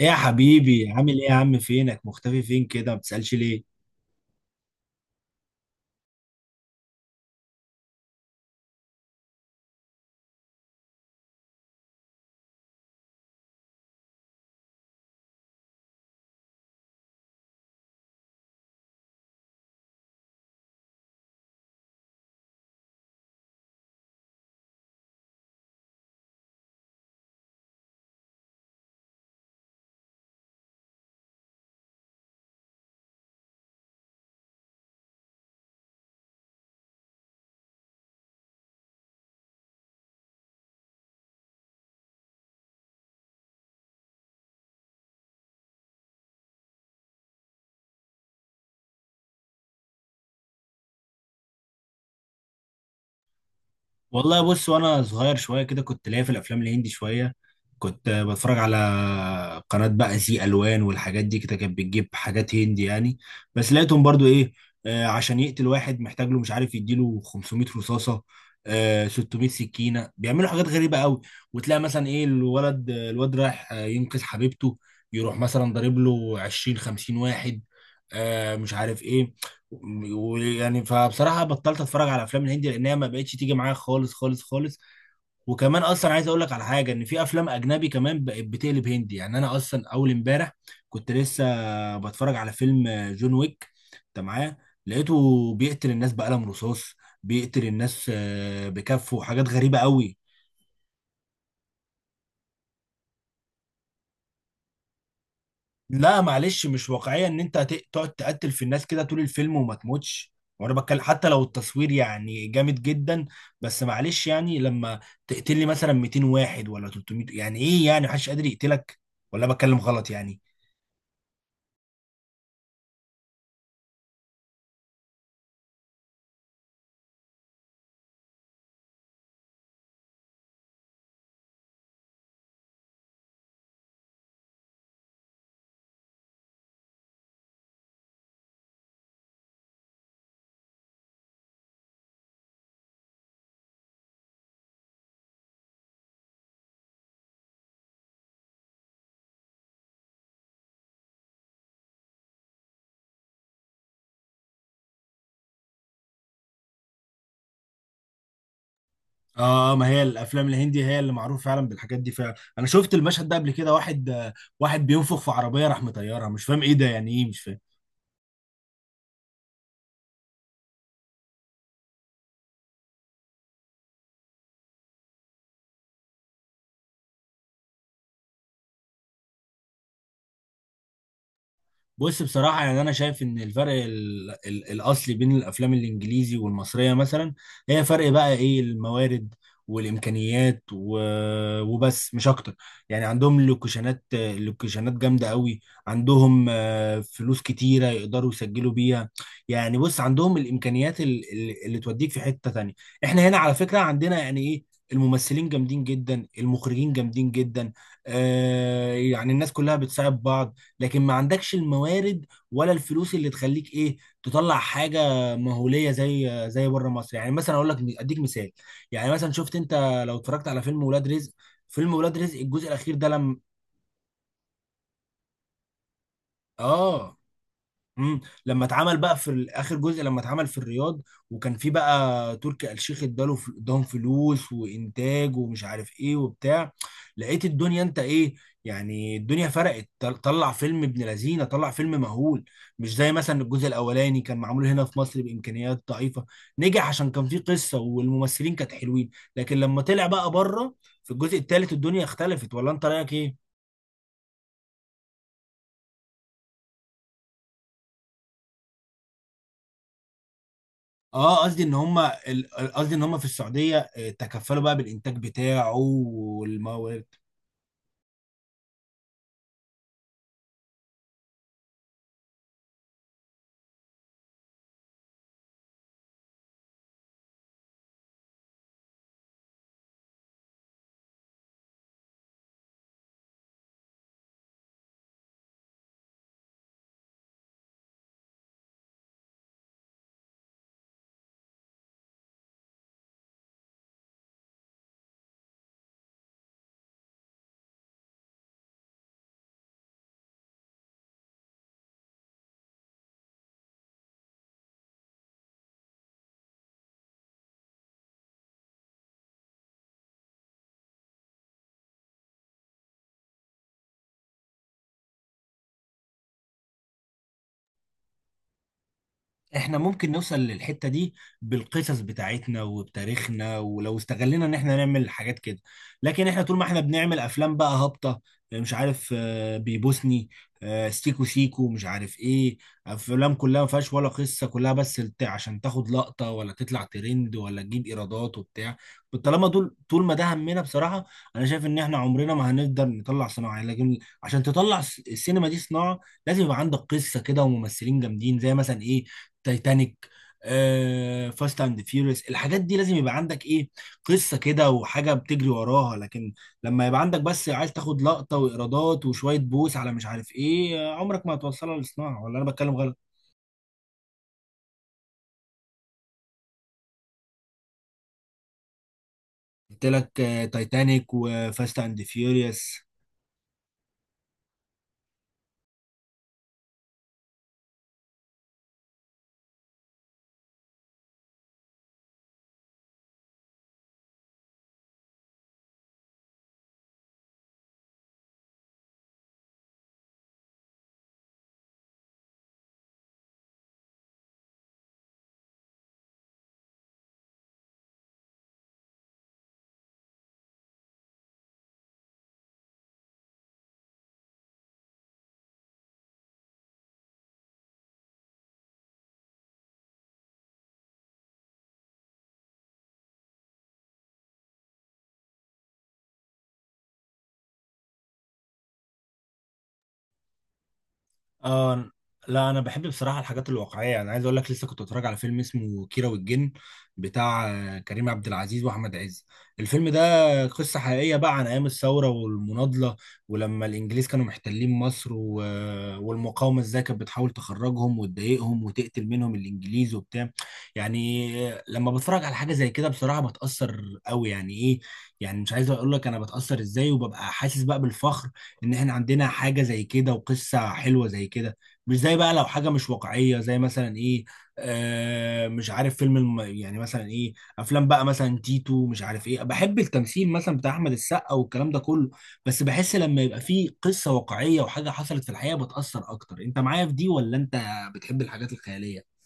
ايه يا حبيبي، عامل ايه يا عم؟ فينك مختفي فين كده؟ ما بتسألش ليه؟ والله بص، وانا صغير شويه كده كنت ليا في الافلام الهندي شويه. كنت بتفرج على قناه بقى زي الوان والحاجات دي كده، كانت بتجيب حاجات هندي يعني. بس لقيتهم برضو ايه، عشان يقتل واحد محتاج له، مش عارف يديله 500 رصاصه، 600 سكينه. بيعملوا حاجات غريبه قوي. وتلاقي مثلا ايه، الولد الواد رايح ينقذ حبيبته، يروح مثلا ضارب له 20 50 واحد، مش عارف ايه. ويعني فبصراحه بطلت اتفرج على افلام الهندي لانها ما بقتش تيجي معايا خالص خالص خالص. وكمان اصلا عايز اقول لك على حاجه، ان في افلام اجنبي كمان بقت بتقلب هندي. يعني انا اصلا اول امبارح كنت لسه بتفرج على فيلم جون ويك، انت معايا؟ لقيته بيقتل الناس بقلم رصاص، بيقتل الناس بكفه وحاجات غريبه قوي. لا معلش، مش واقعية ان انت تقعد تقتل في الناس كده طول الفيلم وما تموتش. وانا بتكلم حتى لو التصوير يعني جامد جدا، بس معلش يعني لما تقتل لي مثلا 200 واحد ولا 300، يعني ايه؟ يعني محدش قادر يقتلك؟ ولا بتكلم غلط يعني. اه، ما هي الافلام الهندي هي اللي معروف فعلا بالحاجات دي. فعلا انا شفت المشهد ده قبل كده، واحد واحد بينفخ في عربيه راح مطيرها، مش فاهم ايه ده، يعني ايه؟ مش فاهم. بص بصراحة، يعني أنا شايف إن الفرق ال ال الأصلي بين الأفلام الإنجليزي والمصرية مثلا هي فرق بقى إيه؟ الموارد والإمكانيات وبس، مش أكتر. يعني عندهم لوكيشنات لوكيشنات جامدة قوي. عندهم فلوس كتيرة يقدروا يسجلوا بيها. يعني بص، عندهم الإمكانيات اللي توديك في حتة تانية. إحنا هنا على فكرة عندنا يعني إيه؟ الممثلين جامدين جدا، المخرجين جامدين جدا. يعني الناس كلها بتساعد بعض. لكن ما عندكش الموارد ولا الفلوس اللي تخليك ايه، تطلع حاجه مهوليه زي بره مصر. يعني مثلا اقول لك اديك مثال، يعني مثلا شفت انت لو اتفرجت على فيلم ولاد رزق. فيلم ولاد رزق الجزء الاخير ده لم، اه امم لما اتعمل بقى في اخر جزء، لما اتعمل في الرياض وكان في بقى تركي آل الشيخ اداله اداهم فلوس وانتاج ومش عارف ايه وبتاع. لقيت الدنيا انت ايه، يعني الدنيا فرقت، طلع فيلم ابن لذينه، طلع فيلم مهول. مش زي مثلا الجزء الاولاني كان معمول هنا في مصر بامكانيات ضعيفه، نجح عشان كان فيه قصه والممثلين كانت حلوين. لكن لما طلع بقى بره في الجزء الثالث الدنيا اختلفت، ولا انت رايك ايه؟ اه، قصدي ان هم قصدي ان هم في السعوديه تكفلوا بقى بالانتاج بتاعه. احنا ممكن نوصل للحتة دي بالقصص بتاعتنا وبتاريخنا، ولو استغلنا ان احنا نعمل حاجات كده. لكن احنا طول ما احنا بنعمل افلام بقى هابطة، مش عارف بيبوسني، سيكو سيكو، مش عارف ايه. افلام كلها ما فيهاش ولا قصة، كلها بس عشان تاخد لقطة ولا تطلع ترند ولا تجيب ايرادات وبتاع. طالما دول طول ما ده همنا بصراحة، انا شايف ان احنا عمرنا ما هنقدر نطلع صناعة يعني. لكن عشان تطلع السينما دي صناعة لازم يبقى عندك قصة كده وممثلين جامدين، زي مثلا ايه، تايتانيك، فاست اند فيوريوس. الحاجات دي لازم يبقى عندك ايه، قصه كده وحاجه بتجري وراها. لكن لما يبقى عندك بس عايز تاخد لقطه وايرادات وشويه بوس على مش عارف ايه، عمرك ما هتوصلها للصناعه، ولا انا بتكلم غلط؟ قلت لك تايتانيك وفاست اند فيوريوس. آه، لا انا بحب بصراحه الحاجات الواقعيه. يعني عايز اقول لك لسه كنت بتفرج على فيلم اسمه كيرة والجن، بتاع كريم عبد العزيز واحمد عز. الفيلم ده قصه حقيقيه بقى عن ايام الثوره والمناضله، ولما الانجليز كانوا محتلين مصر و... آه، والمقاومه ازاي كانت بتحاول تخرجهم وتضايقهم وتقتل منهم الانجليز وبتاع. يعني لما بتفرج على حاجه زي كده بصراحه بتاثر قوي يعني ايه. يعني مش عايز اقول لك انا بتاثر ازاي، وببقى حاسس بقى بالفخر ان احنا عندنا حاجه زي كده وقصه حلوه زي كده. مش زي بقى لو حاجه مش واقعيه، زي مثلا ايه، مش عارف فيلم يعني مثلا ايه، افلام بقى مثلا تيتو، مش عارف ايه. بحب التمثيل مثلا بتاع احمد السقا والكلام ده كله، بس بحس لما يبقى فيه قصه واقعيه وحاجه حصلت في الحقيقه بتاثر اكتر. انت معايا في دي ولا انت بتحب الحاجات الخياليه؟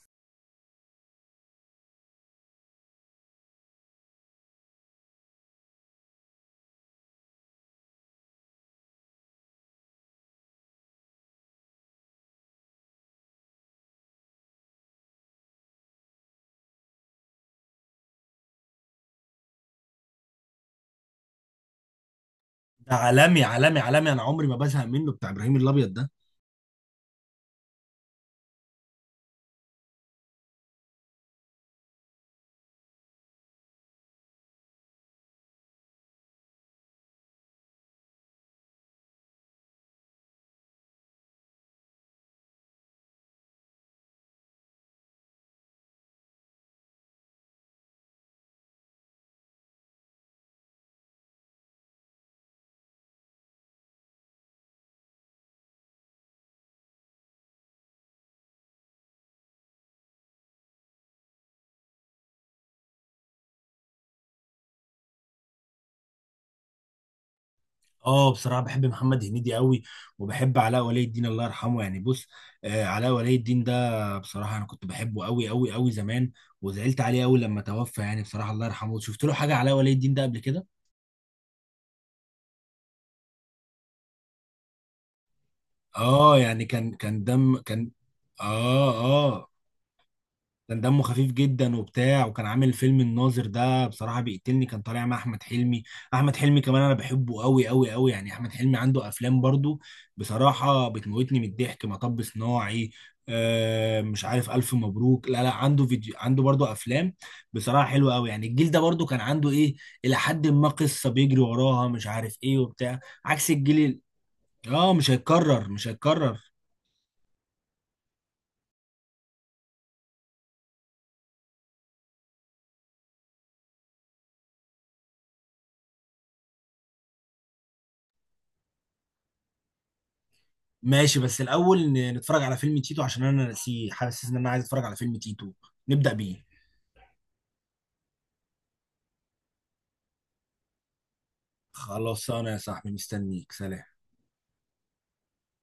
ده عالمي عالمي عالمي، انا عمري ما بزهق منه بتاع ابراهيم الابيض ده. اه، بصراحه بحب محمد هنيدي قوي، وبحب علاء ولي الدين الله يرحمه. يعني بص، آه علاء ولي الدين ده بصراحه انا كنت بحبه قوي قوي قوي زمان، وزعلت عليه قوي لما توفى. يعني بصراحه الله يرحمه، شفت له حاجه علاء ولي الدين ده قبل كده. اه يعني كان دم، كان، اه، اه، كان دمه خفيف جدا وبتاع، وكان عامل فيلم الناظر ده، بصراحة بيقتلني. كان طالع مع أحمد حلمي. أحمد حلمي كمان أنا بحبه قوي قوي قوي. يعني أحمد حلمي عنده أفلام برضو، بصراحة بتموتني من الضحك، مطب صناعي، مش عارف ألف مبروك، لا لا عنده فيديو، عنده برضو أفلام بصراحة حلوة قوي. يعني الجيل ده برضو كان عنده إيه، إلى حد ما قصة بيجري وراها مش عارف إيه وبتاع، عكس الجيل مش هيتكرر، مش هيتكرر. ماشي، بس الأول نتفرج على فيلم تيتو عشان أنا ناسيه، حاسس إن أنا عايز أتفرج على فيلم تيتو، نبدأ بيه. خلاص أنا يا صاحبي مستنيك، سلام.